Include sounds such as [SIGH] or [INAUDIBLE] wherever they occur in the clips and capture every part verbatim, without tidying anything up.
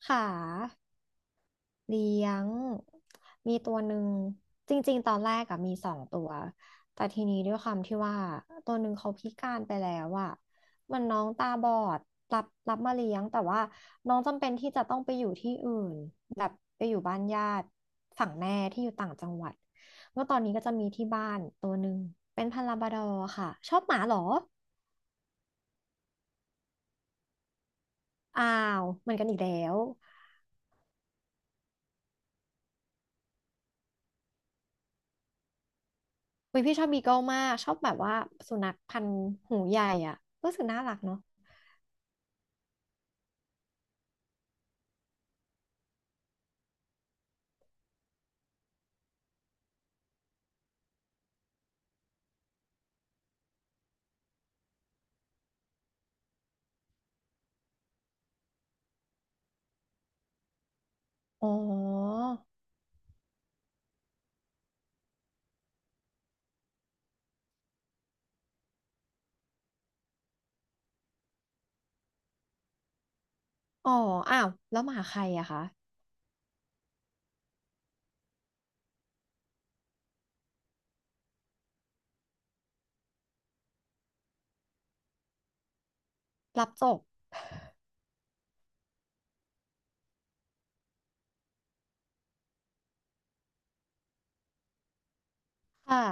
ขาเลี้ยงมีตัวหนึ่งจริงๆตอนแรกอะมีสองตัวแต่ทีนี้ด้วยความที่ว่าตัวหนึ่งเขาพิการไปแล้วอะมันน้องตาบอดรับรับมาเลี้ยงแต่ว่าน้องจำเป็นที่จะต้องไปอยู่ที่อื่นแบบไปอยู่บ้านญาติฝั่งแม่ที่อยู่ต่างจังหวัดก็ตอนนี้ก็จะมีที่บ้านตัวหนึ่งเป็นพันธุ์ลาบราดอร์ค่ะชอบหมาเหรออ้าวเหมือนกันอีกแล้ว อุ้ยพี่ชอบบีเกิลมากชอบแบบว่าสุนัขพันธุ์หูใหญ่อ่ะรู้สึกน่ารักเนาะอ๋ออ๋ออ้าวแล้วหมาใครอะคะรับจบค่ะ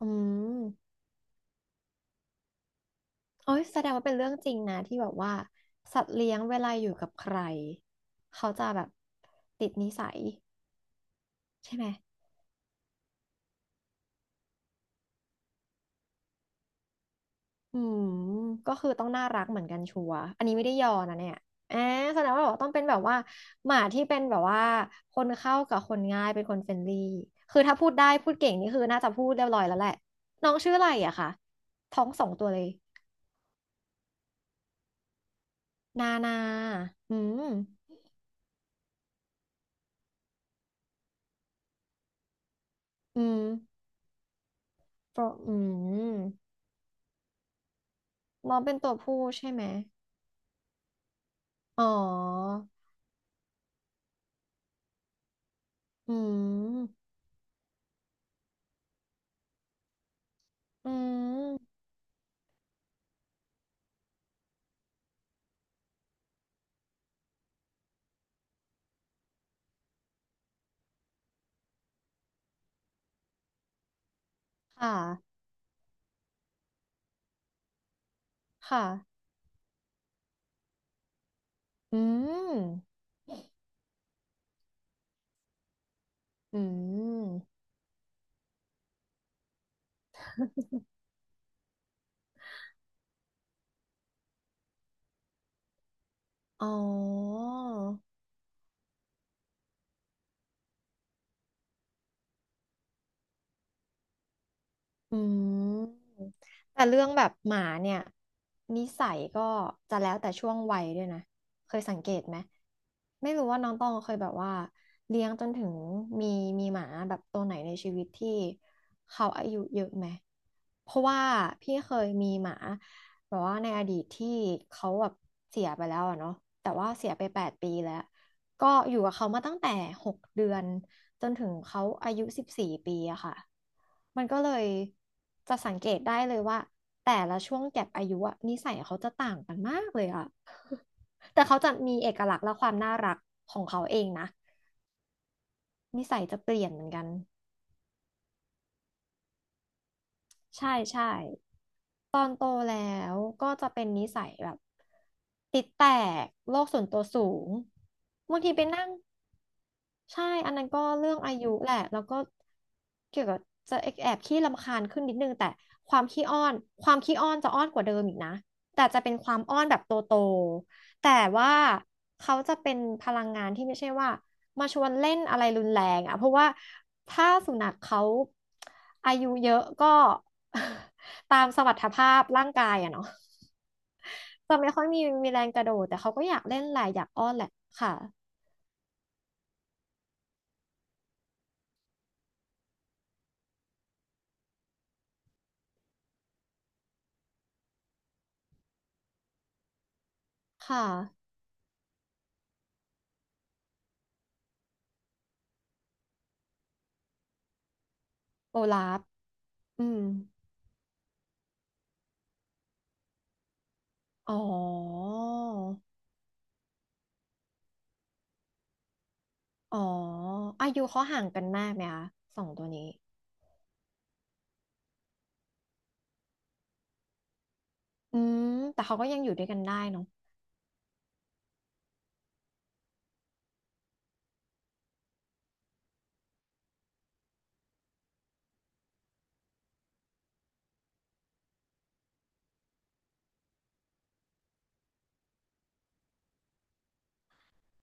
อืมโอ้ยแสดงว่าเป็นเรื่องจริงนะที่แบบว่าสัตว์เลี้ยงเวลาอยู่กับใครเขาจะแบบติดนิสัยใช่ไหม อืม ก็คือต้องน่ารักเหมือนกันชัวร์อันนี้ไม่ได้ยอนะเนี่ยแอบแสดงว่าแบบต้องเป็นแบบว่าหมาที่เป็นแบบว่าคนเข้ากับคนง่ายเป็นคนเฟรนลี่คือถ้าพูดได้พูดเก่งนี่คือน่าจะพูดเรียบร้อยแล้วแหละ น้องชื่ออะไรอะคะ ท้องสองตัวเลยนานาอืมอืมโปรอืมน้องเป็นตัวผู้ใช่ไหมอ๋ออืมอืมค่ะค่ะอืมอืมอ๋อ อืมแต่เรื่องแบบหมาเนี่ยนิสัยก็จะแล้วแต่ช่วงวัยด้วยนะเคยสังเกตไหมไม่รู้ว่าน้องตองเคยแบบว่าเลี้ยงจนถึงมีมีหมาแบบตัวไหนในชีวิตที่เขาอายุเยอะไหมเพราะว่าพี่เคยมีหมาแบบว่าในอดีตที่เขาแบบเสียไปแล้วอะเนาะแต่ว่าเสียไปแปดปีแล้ว ก็อยู่กับเขามาตั้งแต่หกเดือนจนถึงเขาอายุสิบสี่ปีอะค่ะมันก็เลยจะสังเกตได้เลยว่าแต่ละช่วงแก็ปอายุอะนิสัยเขาจะต่างกันมากเลยอะ [LAUGHS] แต่เขาจะมีเอกลักษณ์และความน่ารักของเขาเองนะนิสัยจะเปลี่ยนเหมือนกันใช่ใช่ตอนโตแล้วก็จะเป็นนิสัยแบบติดแตกโลกส่วนตัวสูงบางทีไปนั่ง ใช่อันนั้นก็เรื่องอายุแหละแล้วก็เกี่ยวกับจะแอบขี้รำคาญขึ้นนิดนึง แต่ความขี้อ้อน ความขี้อ้อนจะอ้อนกว่าเดิมอีกนะแต่จะเป็นความอ้อนแบบโตโตแต่ว่าเขาจะเป็นพลังงานที่ไม่ใช่ว่ามาชวนเล่นอะไรรุนแรงอ่ะเพราะว่าถ้าสุนัขเขาอายุเยอะก็ [LAUGHS] ตามสมรรถภาพร่างกายอะเนาะจะไม่ค่อยมีมีแรงกระโดดแต่เขาก็อยากเล่นแหละอยากอ้อนแหละค่ะค่ะโอลาฟ อืมอ๋ออ๋ออายุเขาห่างกันมากไหมคะสองตัวนี้อืมแต่เขาก็ยังอยู่ด้วยกันได้เนาะ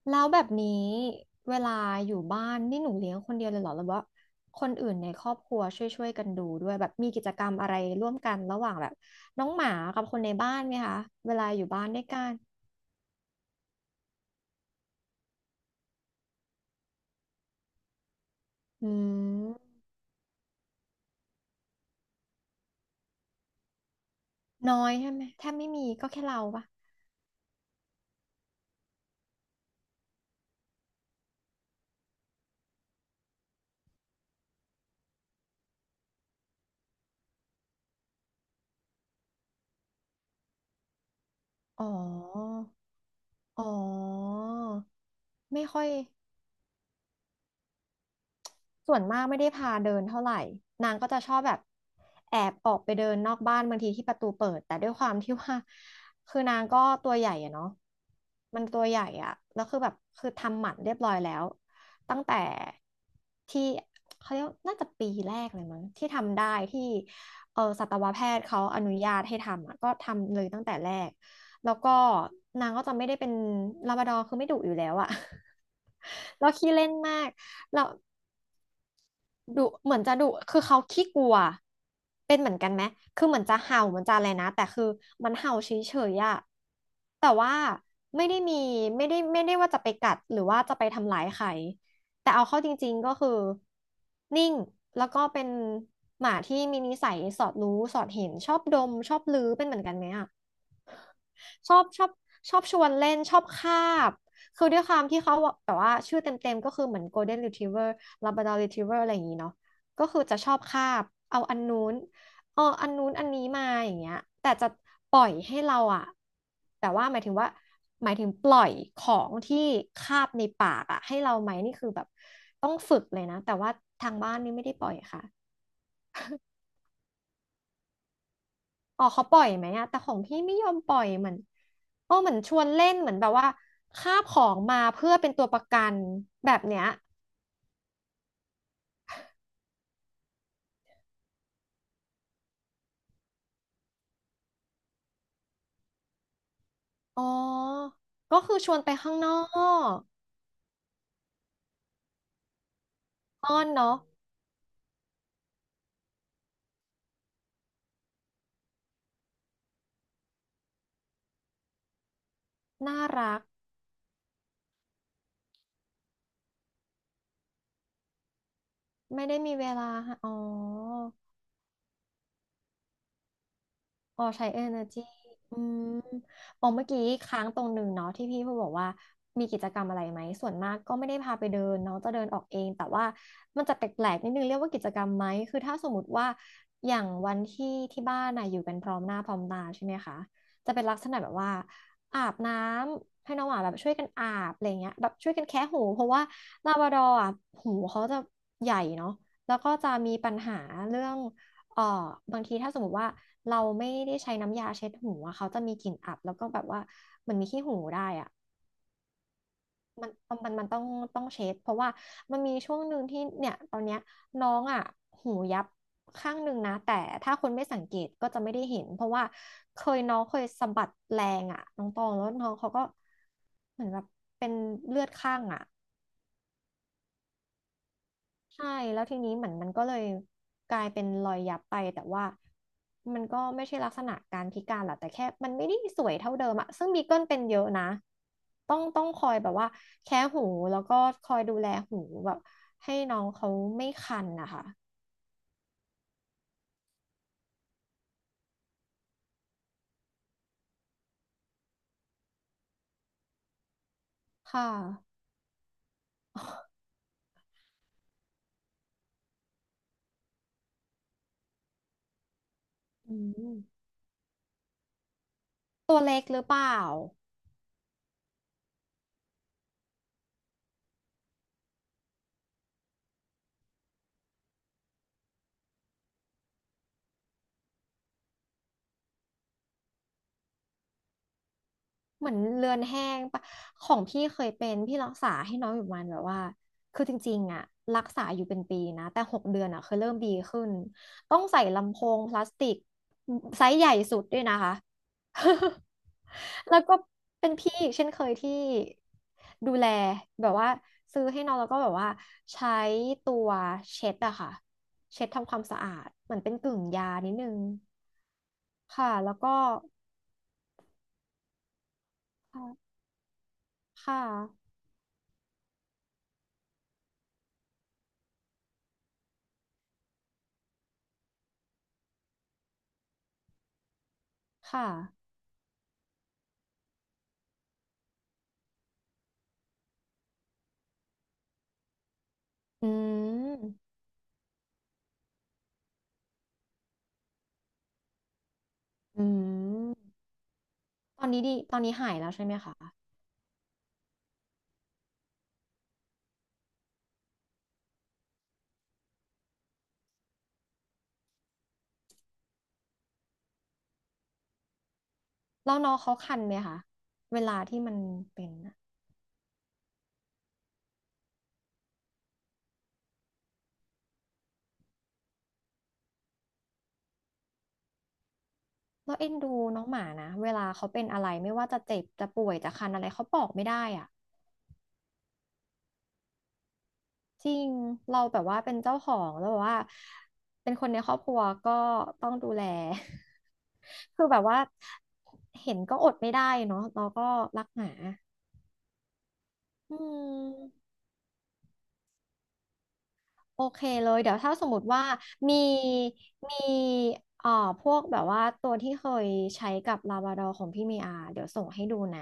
แล้วแบบนี้เวลาอยู่บ้านนี่หนูเลี้ยงคนเดียวเลยเหรอหรือว่าคนอื่นในครอบครัวช่วยช่วยกันดูด้วยแบบมีกิจกรรมอะไรร่วมกันระหว่างแบบน้องหมากับคนในบ้านไหมคะเวลาอยู่บ้านด้วยกันอืมน้อยใช่ไหมแทบไม่มีก็แค่เราปะอ๋ออ๋อไม่ค่อย ส่วนมากไม่ได้พาเดินเท่าไหร่นางก็จะชอบแบบแอบออกไปเดินนอกบ้านบางทีที่ประตูเปิดแต่ด้วยความที่ว่าคือนางก็ตัวใหญ่อะเนาะมันตัวใหญ่อะแล้วคือแบบคือทำหมันเรียบร้อยแล้วตั้งแต่ที่เขาเรียกน่าจะปีแรกเลยมั้งที่ทำได้ที่เออสัตวแพทย์เขาอนุญาตให้ทำอะก็ทำเลยตั้งแต่แรกแล้วก็นางก็จะไม่ได้เป็นลาบราดอร์คือไม่ดุอยู่แล้วอะ [LAUGHS] แล้วขี้เล่นมากแล้ว ดุเหมือนจะดุคือเขาขี้กลัวเป็นเหมือนกันไหมคือเหมือนจะเห่าเหมือนจะอะไรนะแต่คือมันเห่าเฉยๆอะแต่ว่าไม่ได้มีไม่ได้ไม่ได้ว่าจะไปกัดหรือว่าจะไปทำร้ายใครแต่เอาเข้าจริงๆก็คือนิ่งแล้วก็เป็นหมาที่มีนิสัยสอดรู้สอดเห็นชอบดมชอบลือเป็นเหมือนกันไหมอะ ชอบชอบชอบชวนเล่นชอบคาบคือด้วยความที่เขาแบบว่าชื่อเต็มๆก็คือเหมือน Golden Retriever Labrador Retriever อะไรอย่างนี้เนาะก็คือจะชอบคาบเอาอันนู้นเอออันนู้นอันนี้มาอย่างเงี้ยแต่จะปล่อยให้เราอะแต่ว่าหมายถึงว่าหมายถึงปล่อยของที่คาบในปากอะให้เราไหมนี่คือแบบต้องฝึกเลยนะแต่ว่าทางบ้านนี่ไม่ได้ปล่อยค่ะ อ๋อเขาปล่อยไหมอะแต่ของพี่ไม่ยอมปล่อยเหมือนเออเหมือนชวนเล่นเหมือนแบบว่าคาบของมาเพื่อเป็นตัวประกันแบบเนี้ย อ๋อ ก็คือชวนไปข้างนอกอ้อนเนาะน่ารัก ไม่ได้มีเวลาให้อ๋อ อ๋อใช้ energy อืมอ๋อเมื่อกี้ค้างตรงหนึ่งเนาะที่พี่พูดบอกว่ามีกิจกรรมอะไรไหมส่วนมากก็ไม่ได้พาไปเดินน้องจะเดินออกเองแต่ว่ามันจะแปลกๆนิดนึงเรียกว่ากิจกรรมไหมคือถ้าสมมติว่าอย่างวันที่ที่บ้านน่ะอยู่กันพร้อมหน้าพร้อมตาใช่ไหมคะจะเป็นลักษณะแบบว่าอาบน้ำให้น้องหมาแบบช่วยกันอาบอะไรเงี้ยแบบช่วยกันแคะหูเพราะว่าลาบราดอร์อ่ะหูเขาจะใหญ่เนาะแล้วก็จะมีปัญหาเรื่อง เอ่อบางทีถ้าสมมติว่าเราไม่ได้ใช้น้ำยาเช็ดหูอะเขาจะมีกลิ่นอับแล้วก็แบบว่าเหมันมีขี้หูได้อะมันมันมันมันต้องต้องเช็ดเพราะว่ามันมีช่วงหนึ่งที่เนี่ยตอนเนี้ยน้องอะหูยับข้างหนึ่งนะแต่ถ้าคนไม่สังเกตก็จะไม่ได้เห็นเพราะว่าเคยน้องเคยสะบัดแรงอะน้องตองแล้วน้องเขาก็เหมือนแบบเป็นเลือดข้างอะ ใช่แล้วทีนี้เหมือนมันก็เลยกลายเป็นรอยยับไปแต่ว่ามันก็ไม่ใช่ลักษณะการพิการหรอกแต่แค่มันไม่ได้สวยเท่าเดิมอะซึ่งบีเกิลเป็นเยอะนะต้องต้องคอยแบบว่าแค่หูแล้วก็คอยดูแลหูแบบให้น้องเขาไม่คันนะคะค่ะ [LAUGHS] อืมตัวเล็กหรือเปล่า เหมือนเลือนแห้งปะของพี่เคยเป็นพี่รักษาให้น้องอยู่ประมันแบบว่าคือจริงๆอะรักษาอยู่เป็นปีนะแต่หกเดือนอะเคยเริ่มดีขึ้นต้องใส่ลำโพงพลาสติกไซส์ใหญ่สุดด้วยนะคะ [LAUGHS] แล้วก็เป็นพี่อีกเช่นเคยที่ดูแลแบบว่าซื้อให้น้องแล้วก็แบบว่าใช้ตัวเช็ดอะค่ะเช็ดทำความสะอาดเหมือนเป็นกึ่งยานิดนึงค่ะแล้วก็ค่ะค่ะ อืมอืมตอนนี้ดีตอนนี้หายแล้วใช่ไหมคะแล้วน้องเขาคันไหมคะเวลาที่มันเป็นน่ะเราเอ็นดูน้องหมานะเวลาเขาเป็นอะไรไม่ว่าจะเจ็บจะป่วยจะคันอะไรเขาบอกไม่ได้อะจริงเราแบบว่าเป็นเจ้าของแล้วแบบว่าเป็นคนในครอบครัวก็ต้องดูแล [LAUGHS] คือแบบว่าเห็นก็อดไม่ได้เนาะเราก็รักหมาอืม โอเคเลยเดี๋ยวถ้าสมมติว่ามีมีเอ่อพวกแบบว่าตัวที่เคยใช้กับลาบราดอของพี่เมีอาเดี๋ยวส่งให้ดูนะ